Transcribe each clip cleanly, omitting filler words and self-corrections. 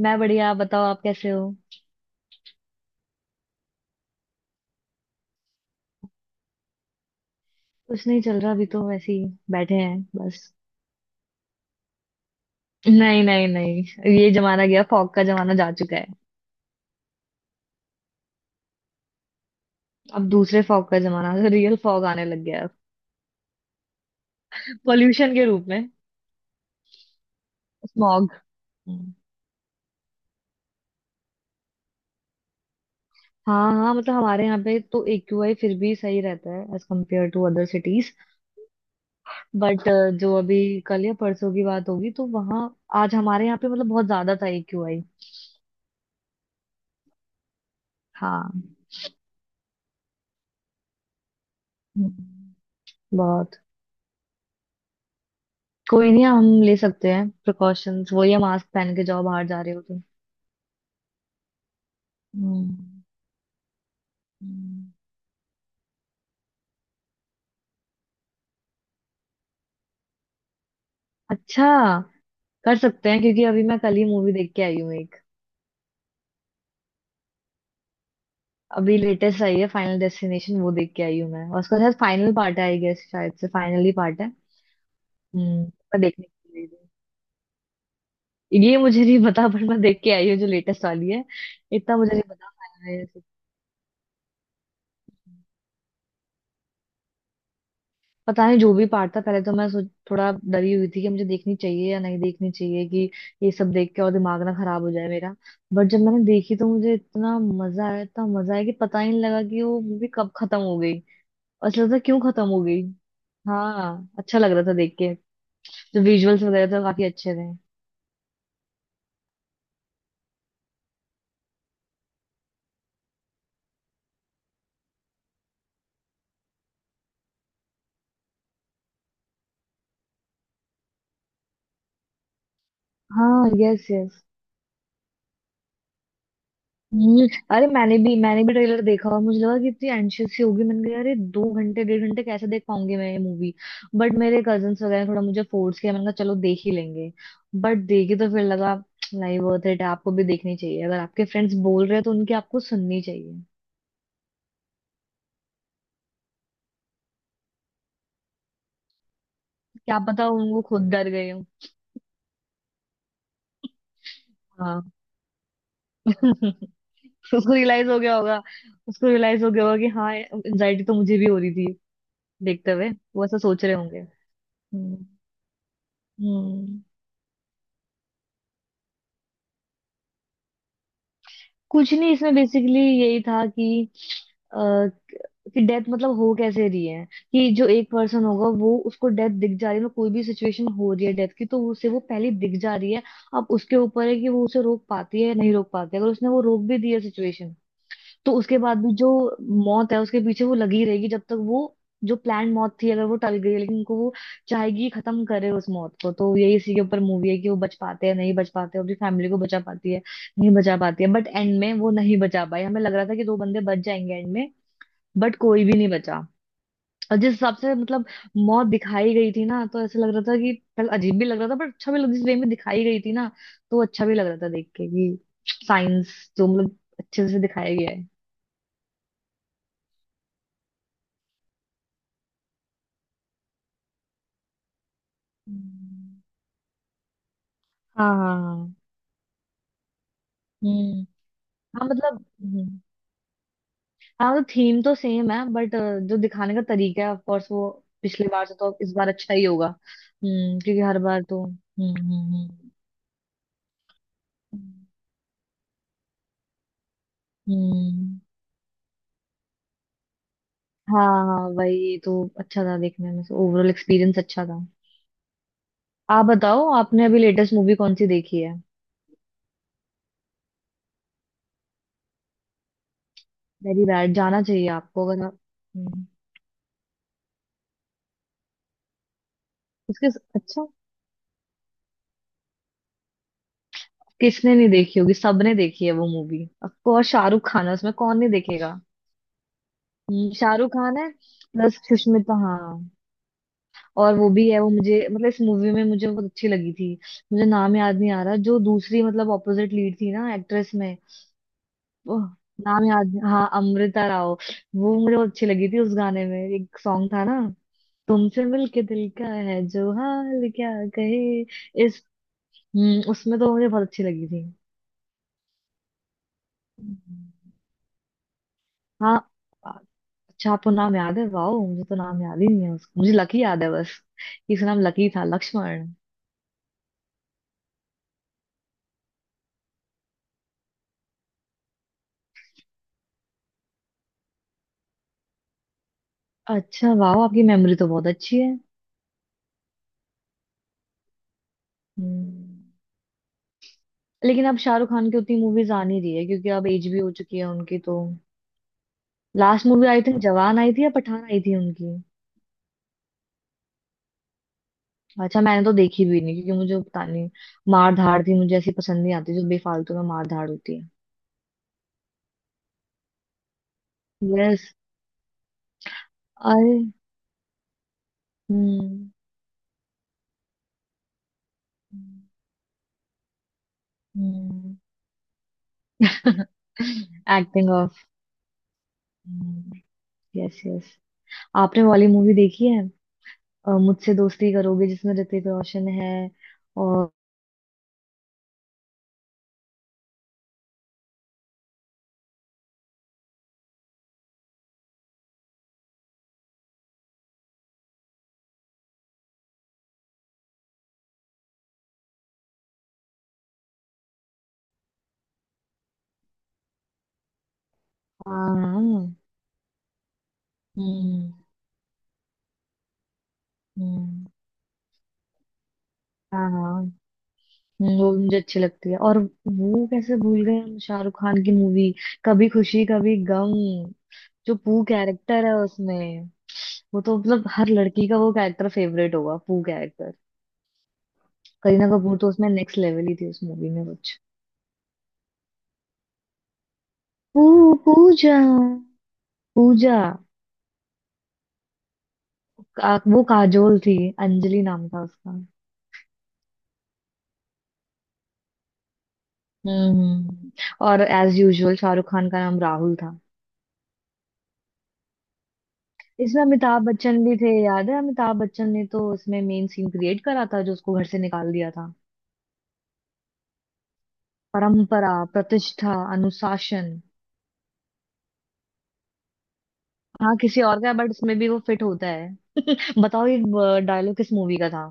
मैं बढ़िया। आप बताओ, आप कैसे हो? कुछ नहीं चल रहा, अभी तो वैसे ही बैठे हैं बस। नहीं, नहीं, नहीं। ये जमाना गया, फॉग का जमाना जा चुका है। अब दूसरे फॉग का जमाना, रियल फॉग आने लग गया है। पोल्यूशन के रूप में। स्मॉग। हाँ हाँ, मतलब हमारे यहाँ पे तो एक्यूआई फिर भी सही रहता है, as compared to other cities. But जो अभी कल या परसों की बात होगी तो वहाँ, आज हमारे यहाँ पे मतलब बहुत ज्यादा था एक्यूआई। हाँ। हम्म, बहुत। कोई नहीं, हम ले सकते हैं प्रिकॉशंस, वही है मास्क पहन के जाओ बाहर जा रहे हो तुम। हम्म, हम्म। अच्छा। कर सकते हैं, क्योंकि अभी मैं कल ही मूवी देख के आई हूँ एक। अभी लेटेस्ट आई है फाइनल डेस्टिनेशन, वो देख के आई हूँ मैं। और उसका शायद फाइनल पार्ट है आई गेस, शायद से फाइनल ही पार्ट है। मैं देखने के लिए। ये मुझे नहीं पता, पर मैं देख के आई हूँ जो लेटेस्ट वाली है। इतना मुझे नहीं पता। पता नहीं जो भी पार्ट था। पहले तो मैं सोच थोड़ा डरी हुई थी कि मुझे देखनी चाहिए या नहीं देखनी चाहिए, कि ये सब देख के और दिमाग ना खराब हो जाए मेरा। बट जब मैंने देखी तो मुझे इतना मजा आया, इतना मजा आया कि पता ही नहीं लगा कि वो मूवी कब खत्म हो गई। और ऐसा लगता क्यों खत्म हो गई। हाँ, अच्छा लग रहा था देख के। जो विजुअल्स वगैरह थे वो काफी अच्छे थे। हाँ, यस, यस। हम्म, अरे मैंने भी ट्रेलर देखा, और मुझे लगा कि इतनी एंशियस सी होगी। मैंने कहा अरे 2 घंटे 1.5 घंटे कैसे देख पाऊंगी मैं ये मूवी। बट मेरे कजन्स वगैरह ने थोड़ा मुझे फोर्स किया, मैंने कहा चलो देख ही लेंगे। बट देखी तो फिर लगा नहीं, वर्थ इट। आपको भी देखनी चाहिए, अगर आपके फ्रेंड्स बोल रहे हैं तो उनकी आपको सुननी चाहिए। क्या पता उनको, खुद डर गए हो। हाँ। उसको रियलाइज हो गया होगा। उसको रियलाइज हो गया होगा कि हाँ, एंजाइटी तो मुझे भी हो रही थी देखते हुए। वो ऐसा सोच रहे होंगे। हम्म, हम्म। कुछ नहीं, इसमें बेसिकली यही था अ, कि डेथ मतलब हो कैसे रही है। कि जो एक पर्सन होगा वो उसको डेथ दिख जा रही है, मतलब कोई भी सिचुएशन हो रही है डेथ की तो उसे वो पहले दिख जा रही है। अब उसके ऊपर है कि वो उसे रोक पाती है या नहीं रोक पाती है। अगर उसने वो रोक भी दिया सिचुएशन, तो उसके बाद भी जो मौत है उसके पीछे वो लगी रहेगी, जब तक वो जो प्लान मौत थी अगर वो टल गई लेकिन उनको वो चाहेगी खत्म करे उस मौत को। तो यही इसी के ऊपर मूवी है कि वो बच पाते हैं नहीं बच पाते, अपनी फैमिली को बचा पाती है नहीं बचा पाती है। बट एंड में वो नहीं बचा पाई, हमें लग रहा था कि दो बंदे बच जाएंगे एंड में। बट कोई भी नहीं बचा। और जिस हिसाब से मतलब मौत दिखाई गई थी ना, तो ऐसा लग रहा था कि पहले अजीब भी लग रहा था पर अच्छा भी लग, जिस वे में दिखाई गई थी ना तो अच्छा भी लग रहा था देख के कि साइंस जो मतलब अच्छे से दिखाया गया है। हाँ, हम्म, हाँ मतलब हम्म, हाँ मतलब थीम तो सेम है बट, जो दिखाने का तरीका है ऑफ कोर्स वो पिछली बार से तो इस बार अच्छा ही होगा। हम्म, क्योंकि हर बार तो हम्म, हम्म, हम्म। हम्म। हम्म, हाँ, हाँ, वही तो। अच्छा था देखने में, ओवरऑल एक्सपीरियंस अच्छा था। आप बताओ, आपने अभी लेटेस्ट मूवी कौन सी देखी है? वेरी बैड, जाना चाहिए आपको अगर आप। हम्म, उसके। अच्छा। किसने नहीं देखी होगी, सबने देखी है वो movie. Of course Shahrukh Khan है उसमें, कौन नहीं देखेगा। शाहरुख खान है। प्लस सुष्मिता, हाँ। और वो भी है, वो मुझे मतलब इस मूवी में मुझे बहुत अच्छी लगी थी। मुझे नाम याद नहीं आ रहा जो दूसरी मतलब ऑपोजिट लीड थी ना एक्ट्रेस में। वो नाम याद नहीं- हाँ, अमृता राव। वो मुझे बहुत अच्छी लगी थी। उस गाने में एक सॉन्ग था ना, तुमसे मिलके दिल का है जो हाल क्या कहे। इस उसमें तो मुझे बहुत अच्छी लगी थी। हम्म। हाँ। अच्छा, आपको नाम याद है! वाओ, मुझे तो नाम याद ही नहीं है उसका, मुझे लकी याद है बस। इसका नाम लकी था, लक्ष्मण। अच्छा वाह, आपकी मेमोरी तो बहुत अच्छी है। हम्म। लेकिन अब शाहरुख खान की उतनी मूवीज आ नहीं रही है, क्योंकि अब एज भी हो चुकी है उनकी। तो last movie I think Jawan आई थी, या पठान आई थी उनकी। अच्छा मैंने तो देखी भी नहीं क्योंकि मुझे पता नहीं, मार धाड़ थी, मुझे ऐसी पसंद नहीं आती जो बेफालतू में मार धाड़ होती है। यस। अरे। Hmm. Acting of, yes, yes. आपने वाली मूवी देखी है? मुझसे दोस्ती करोगे जिसमें ऋतिक रोशन है और, हाँ, हम्म, हम्म, हाँ, हाँ, वो भी मुझे अच्छी लगती है और, वो कैसे भूल गए हम, शाहरुख खान की मूवी कभी खुशी कभी गम। जो पू कैरेक्टर है उसमें, वो तो मतलब हर लड़की का वो कैरेक्टर फेवरेट होगा, पू कैरेक्टर। करीना कपूर तो उसमें नेक्स्ट लेवल ही थी, उस मूवी में कुछ। पू, पूजा, पूजा का, वो काजोल थी। अंजलि नाम था उसका। हम्म। और एज यूजुअल शाहरुख खान का नाम राहुल था। इसमें अमिताभ बच्चन भी थे, याद है? अमिताभ बच्चन ने तो इसमें मेन सीन क्रिएट करा था, जो उसको घर से निकाल दिया था। परंपरा, प्रतिष्ठा, अनुशासन। हाँ, किसी और का, बट इसमें भी वो फिट होता है। बताओ ये डायलॉग किस मूवी का था?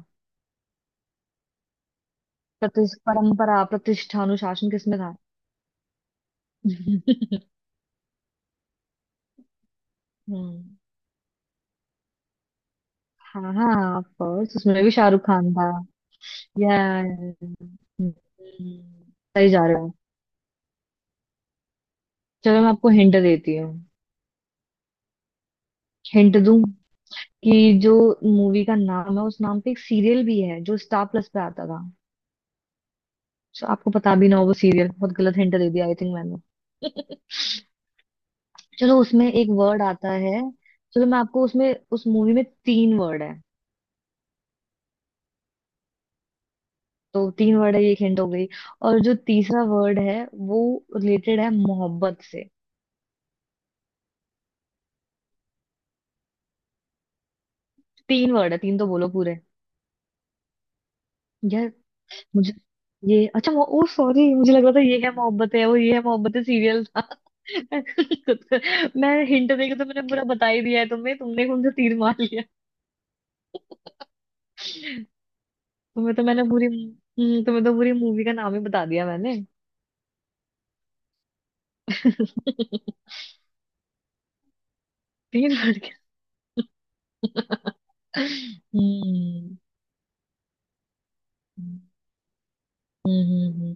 प्रतिष्ठ परंपरा प्रतिष्ठा अनुशासन किस में था? हम्म, हाँ, हाँ, ऑफ कोर्स उसमें भी शाहरुख खान था। या, सही जा रहे हो। चलो, मैं आपको हिंट देती हूँ। हिंट दूँ? कि जो मूवी का नाम है, उस नाम पे एक सीरियल भी है जो स्टार प्लस पे आता था। जो आपको पता भी ना हो वो सीरियल, बहुत गलत हिंट दे दिया आई थिंक मैंने। चलो, उसमें एक वर्ड आता है। चलो मैं आपको उसमें, उस मूवी में तीन वर्ड है। तो तीन वर्ड है, ये एक हिंट हो गई। और जो तीसरा वर्ड है, वो रिलेटेड है मोहब्बत से। तीन वर्ड है तीन, तो बोलो पूरे। यार, मुझे ये, अच्छा वो, ओ सॉरी, मुझे लग रहा था ये है मोहब्बत है। वो ये है मोहब्बत है सीरियल था। मैं हिंट देके तो मैंने पूरा बता ही दिया है तुम्हें, तुमने कौन सा तीर मार लिया। तुम्हें तो पूरी मूवी का नाम ही बता दिया मैंने। तीन लड़कियां। हम्म, हम्म, हम्म, हम्म। हम्म,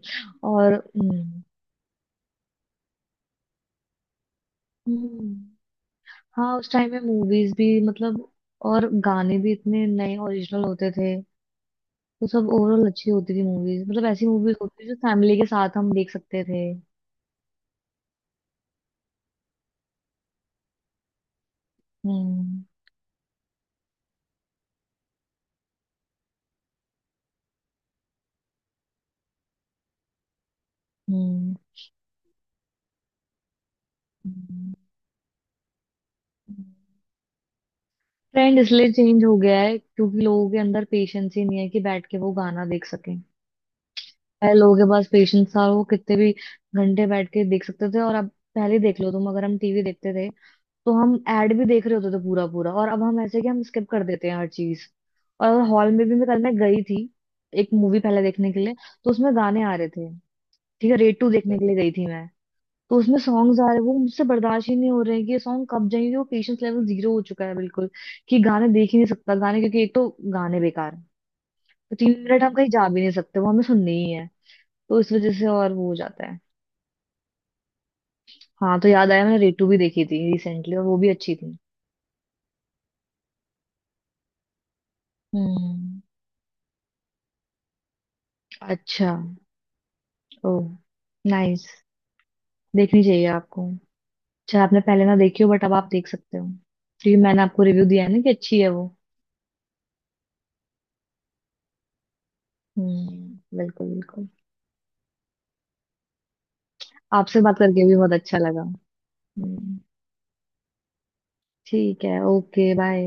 और हम्म, हम्म, हाँ, उस टाइम में मूवीज भी मतलब, और गाने भी इतने नए ओरिजिनल होते थे। वो सब ओवरऑल अच्छी होती थी मूवीज, मतलब ऐसी मूवीज होती थी जो फैमिली के साथ हम देख सकते थे। हम्म, हम्म। ट्रेंड इसलिए चेंज हो गया है क्योंकि लोगों के अंदर पेशेंस ही नहीं है कि बैठ के वो गाना देख सकें। पहले लोगों के पास पेशेंस था, वो कितने भी घंटे बैठ के देख सकते थे, और अब, पहले देख लो तुम, अगर हम टीवी देखते थे तो हम एड भी देख रहे होते थे पूरा पूरा। और अब हम ऐसे कि हम स्किप कर देते हैं हर चीज। और हॉल में भी मैं कल मैं गई थी, एक मूवी पहले देखने के लिए। तो उसमें गाने आ रहे थे। ठीक है, रेड टू देखने के लिए गई थी मैं। तो उसमें सॉन्ग्स आ रहे हैं, वो मुझसे बर्दाश्त ही नहीं हो रहे हैं कि ये सॉन्ग कब जाएंगे। वो पेशेंस लेवल जीरो हो चुका है बिल्कुल, कि गाने देख ही नहीं सकता गाने, क्योंकि एक तो गाने बेकार हैं। तो 3 मिनट हम कहीं जा भी नहीं सकते, वो हमें सुनने ही है। तो इस वजह से और वो हो जाता है। हाँ तो याद आया, मैंने रेटू भी देखी थी रिसेंटली, और वो भी अच्छी थी। हम्म। अच्छा। ओ, नाइस। देखनी चाहिए आपको, चाहे आपने पहले ना देखी हो बट अब आप देख सकते हो, क्योंकि मैंने आपको रिव्यू दिया है ना कि अच्छी है वो। हम्म, बिल्कुल, बिल्कुल। आपसे बात करके भी बहुत अच्छा लगा। हम्म। ठीक है, ओके, बाय।